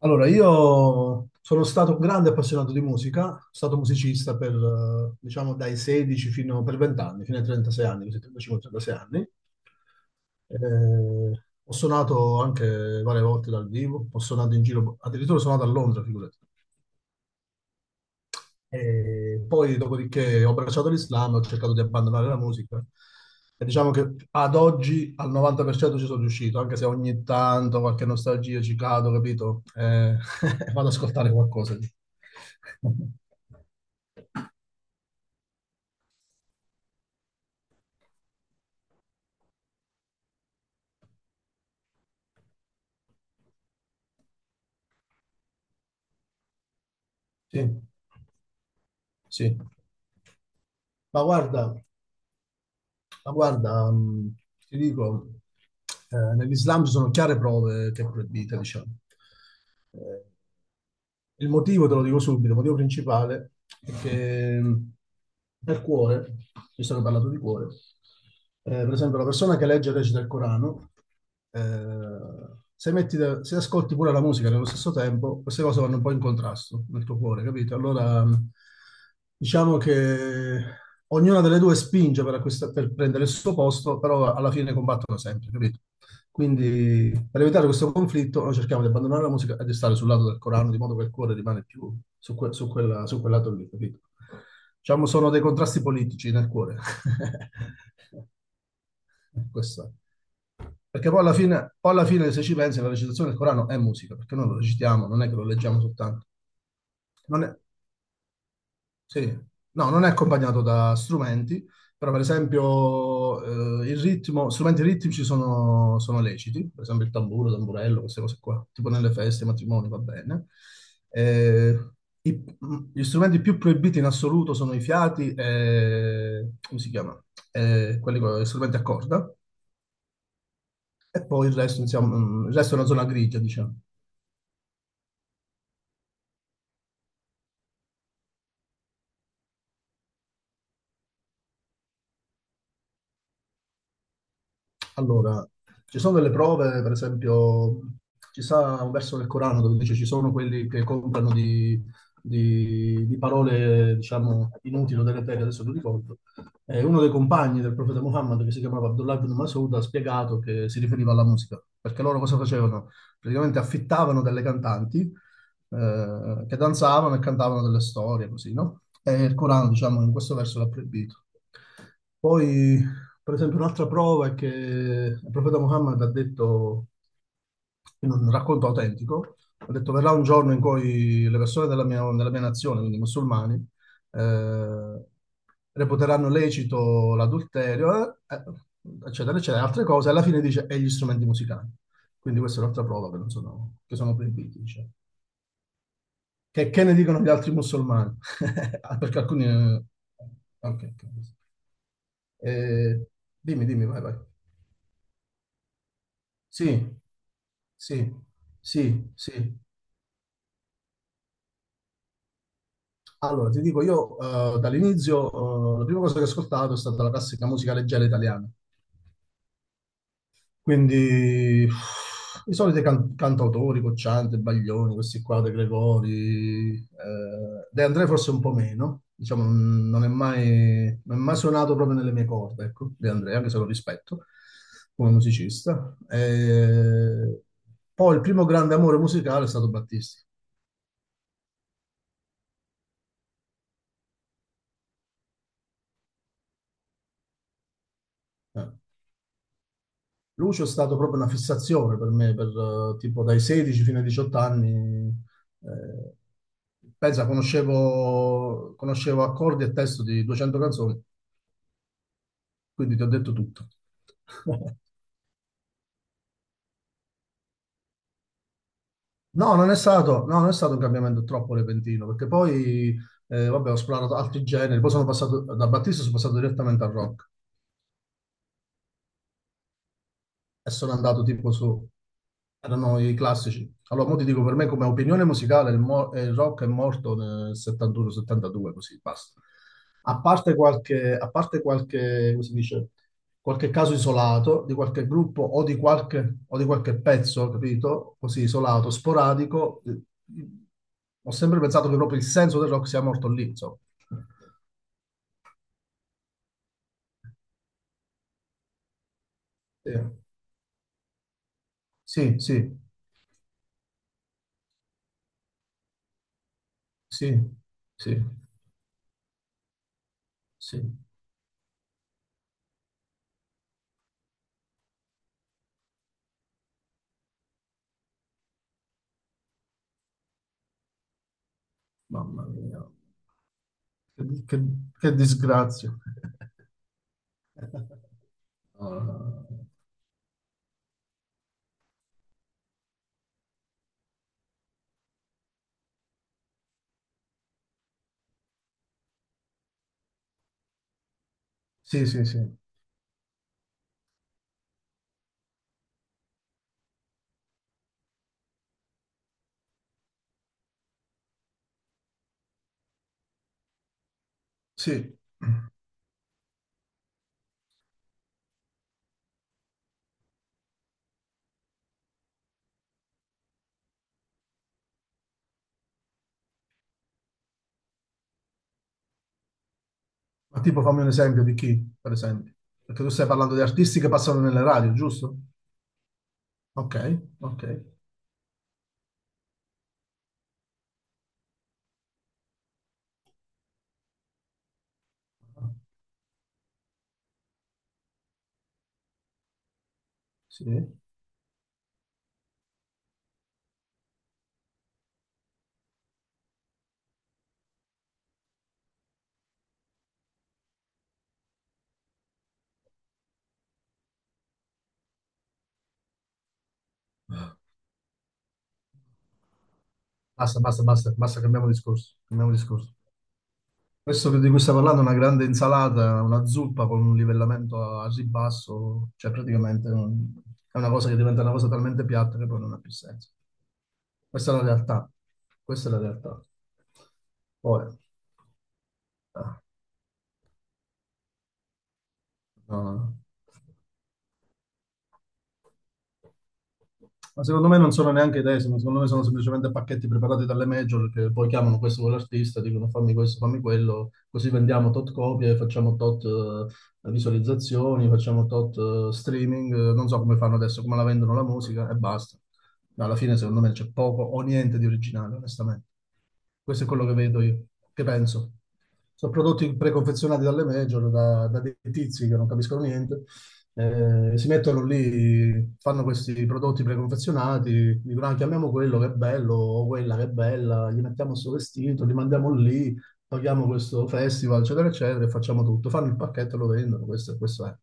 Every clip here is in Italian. Allora, io sono stato un grande appassionato di musica, sono stato musicista per, diciamo, dai 16 fino per 20 anni, fino ai 36 anni, così 35-36 anni. Ho suonato anche varie volte dal vivo, ho suonato in giro, addirittura ho suonato a Londra, figurati. E poi, dopodiché, ho abbracciato l'Islam, ho cercato di abbandonare la musica. E diciamo che ad oggi al 90% ci sono riuscito, anche se ogni tanto qualche nostalgia ci cado, capito? Vado ad ascoltare qualcosa. Sì, sì. Ma guarda, ma guarda, ti dico, nell'Islam ci sono chiare prove che è proibita, diciamo. Eh, Il motivo, te lo dico subito, il motivo principale è che nel cuore, visto che ho parlato di cuore, per esempio la persona che legge e recita il Corano, eh, se, metti da- se ascolti pure la musica nello stesso tempo, queste cose vanno un po' in contrasto nel tuo cuore, capito? Allora, diciamo che ognuna delle due spinge per prendere il suo posto, però alla fine combattono sempre, capito? Quindi, per evitare questo conflitto, noi cerchiamo di abbandonare la musica e di stare sul lato del Corano, di modo che il cuore rimane più su quel lato lì, capito? Diciamo, sono dei contrasti politici nel cuore. Questo è. Perché poi alla fine, se ci pensi, la recitazione del Corano è musica, perché noi lo recitiamo, non è che lo leggiamo soltanto. Non è- Sì, no, non è accompagnato da strumenti, però per esempio il ritmo, strumenti ritmici sono leciti, per esempio il tamburo, il tamburello, queste cose qua, tipo nelle feste, ai matrimoni, va bene. Eh, i- Gli strumenti più proibiti in assoluto sono i fiati e, come si chiama? Quelli con gli strumenti a corda, e poi il resto, insomma, il resto è una zona grigia, diciamo. Allora, ci sono delle prove, per esempio, ci sta un verso del Corano dove dice ci sono quelli che comprano di parole, diciamo, inutili o deleterie, adesso non ricordo. E uno dei compagni del profeta Muhammad, che si chiamava Abdullah ibn Mas'ud, ha spiegato che si riferiva alla musica, perché loro cosa facevano? Praticamente affittavano delle cantanti che danzavano e cantavano delle storie, così, no? E il Corano, diciamo, in questo verso l'ha proibito. Poi per esempio, un'altra prova è che il profeta Muhammad ha detto, in un racconto autentico, ha detto verrà un giorno in cui le persone della mia nazione, quindi i musulmani, eh, reputeranno lecito l'adulterio, eccetera, eccetera, altre cose, alla fine dice e gli strumenti musicali. Quindi questa è un'altra prova che, non sono, che sono proibiti, diciamo. Che ne dicono gli altri musulmani? Ah, perché alcuni... ok, ok. Eh, Dimmi, dimmi, vai, vai. Sì, sì, sì, sì. Allora, ti dico, io dall'inizio la prima cosa che ho ascoltato è stata la classica musica leggera italiana, quindi uff, i soliti cantautori, Cocciante, Baglioni, questi qua, De Gregori, De André forse un po' meno, diciamo, non è mai suonato proprio nelle mie corde, ecco, De André, anche se lo rispetto come musicista. Poi il primo grande amore musicale è stato Battisti. Eh. Lucio è stato proprio una fissazione per me, per, tipo dai 16 fino ai 18 anni. eh, Pensa, conoscevo accordi e testo di 200 canzoni, quindi ti ho detto tutto. No, non è stato un cambiamento troppo repentino, perché poi, vabbè, ho esplorato altri generi, poi sono passato da Battista, sono passato direttamente al rock. E sono andato tipo su, erano i classici. Allora, mo ti dico, per me come opinione musicale il rock è morto nel 71-72, così, basta. A parte qualche, come si dice, qualche caso isolato di qualche gruppo o o di qualche pezzo, capito? Così isolato, sporadico, ho sempre pensato che proprio il senso del rock sia morto lì, insomma. Sì, sì, sì, sì, sì, sì. Mamma mia. Che, che- che disgrazia. Eh, sì, sì, sì. Sì, ma tipo fammi un esempio di chi, per esempio. Perché tu stai parlando di artisti che passano nelle radio, giusto? Ok, ok. Sì. Basta, basta, basta, basta, cambiamo discorso. Cambiamo discorso. Questo di cui stai parlando è una grande insalata, una zuppa con un livellamento a ribasso, cioè praticamente è una cosa che diventa una cosa talmente piatta che poi non ha più senso. Questa è la realtà. Questa è la realtà. Poi, eh, no, no. Ma secondo me non sono neanche decima, secondo me sono semplicemente pacchetti preparati dalle major che poi chiamano questo quell'artista, dicono fammi questo, fammi quello, così vendiamo tot copie, facciamo tot visualizzazioni, facciamo tot streaming, non so come fanno adesso, come la vendono la musica e basta. Ma alla fine secondo me c'è poco o niente di originale, onestamente. Questo è quello che vedo io, che penso. Sono prodotti preconfezionati dalle major, da dei tizi che non capiscono niente. Si mettono lì, fanno questi prodotti preconfezionati, dicono "Ah, chiamiamo quello che è bello o quella che è bella, gli mettiamo questo vestito, li mandiamo lì, paghiamo questo festival, eccetera, eccetera, e facciamo tutto. Fanno il pacchetto e lo vendono, questo, e questo è.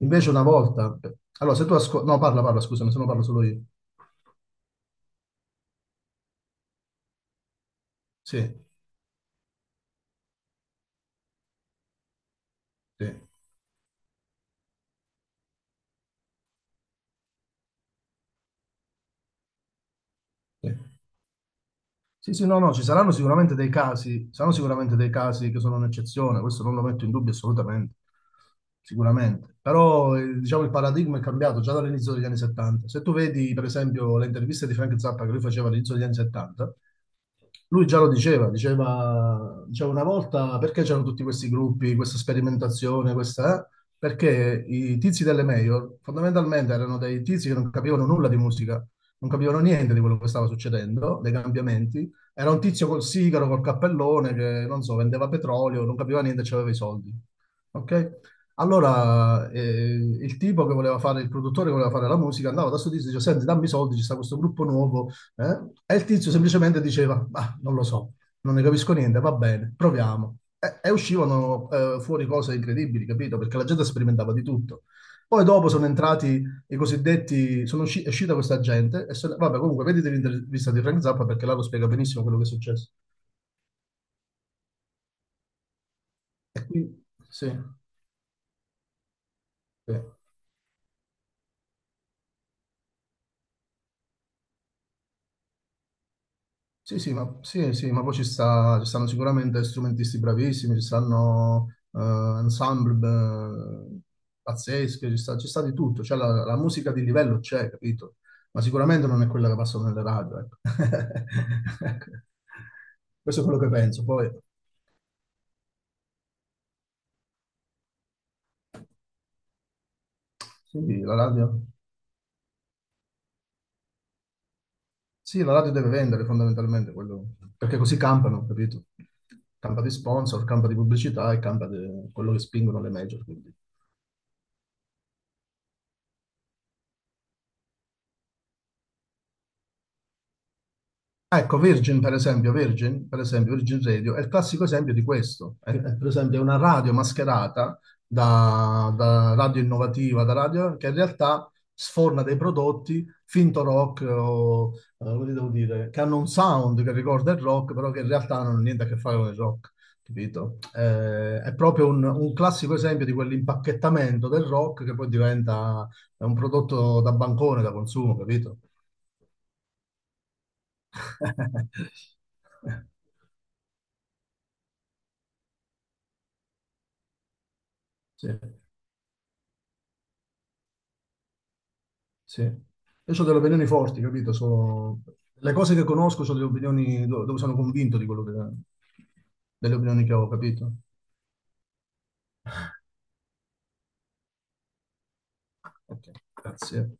Invece una volta... Allora, se tu ascolti... No, parla, parla, scusami, se no parlo solo io. Sì, sì, sì. Sì, sì, no, no, ci saranno sicuramente dei casi, saranno sicuramente dei casi che sono un'eccezione, questo non lo metto in dubbio assolutamente, sicuramente. Però diciamo il paradigma è cambiato già dall'inizio degli anni 70. Se tu vedi per esempio le interviste di Frank Zappa che lui faceva all'inizio degli anni 70, lui già lo diceva, diceva una volta perché c'erano tutti questi gruppi, questa sperimentazione, questa, eh? Perché i tizi delle major fondamentalmente erano dei tizi che non capivano nulla di musica, non capivano niente di quello che stava succedendo, dei cambiamenti. Era un tizio col sigaro, col cappellone che, non so, vendeva petrolio, non capiva niente, aveva i soldi. Ok? Allora, il tipo che voleva fare, il produttore che voleva fare la musica, andava da sto tizio e diceva, senti, dammi i soldi, ci sta questo gruppo nuovo, eh? E il tizio semplicemente diceva, ma non lo so, non ne capisco niente, va bene, proviamo. E uscivano fuori cose incredibili, capito? Perché la gente sperimentava di tutto. Poi dopo sono entrati i cosiddetti, è uscita questa gente, e vabbè comunque vedete l'intervista di Frank Zappa perché là lo spiega benissimo quello che è successo. E qui, sì, sì. Sì, sì, ma poi ci stanno sicuramente strumentisti bravissimi, ci stanno ensemble eh, pazzesche, ci sta di tutto, cioè la musica di livello c'è, capito? Ma sicuramente non è quella che passano nelle radio, ecco. Questo è quello che penso. Poi, sì, la radio, sì, la radio deve vendere fondamentalmente, quello, perché così campano, capito? Campa di sponsor, campa di pubblicità e campa di quello che spingono le major, quindi. Ah, ecco, Virgin Radio è il classico esempio di questo. È, per esempio, è una radio mascherata da radio innovativa, da radio che in realtà sforna dei prodotti finto rock, o, come devo dire, che hanno un sound che ricorda il rock, però che in realtà non hanno niente a che fare con il rock, capito? È proprio un classico esempio di quell'impacchettamento del rock che poi diventa un prodotto da bancone, da consumo, capito? Sì, sì. Io ho delle opinioni forti, capito? Le cose che conosco sono le opinioni dove sono convinto di quello che... delle opinioni che ho, capito? Ok, grazie.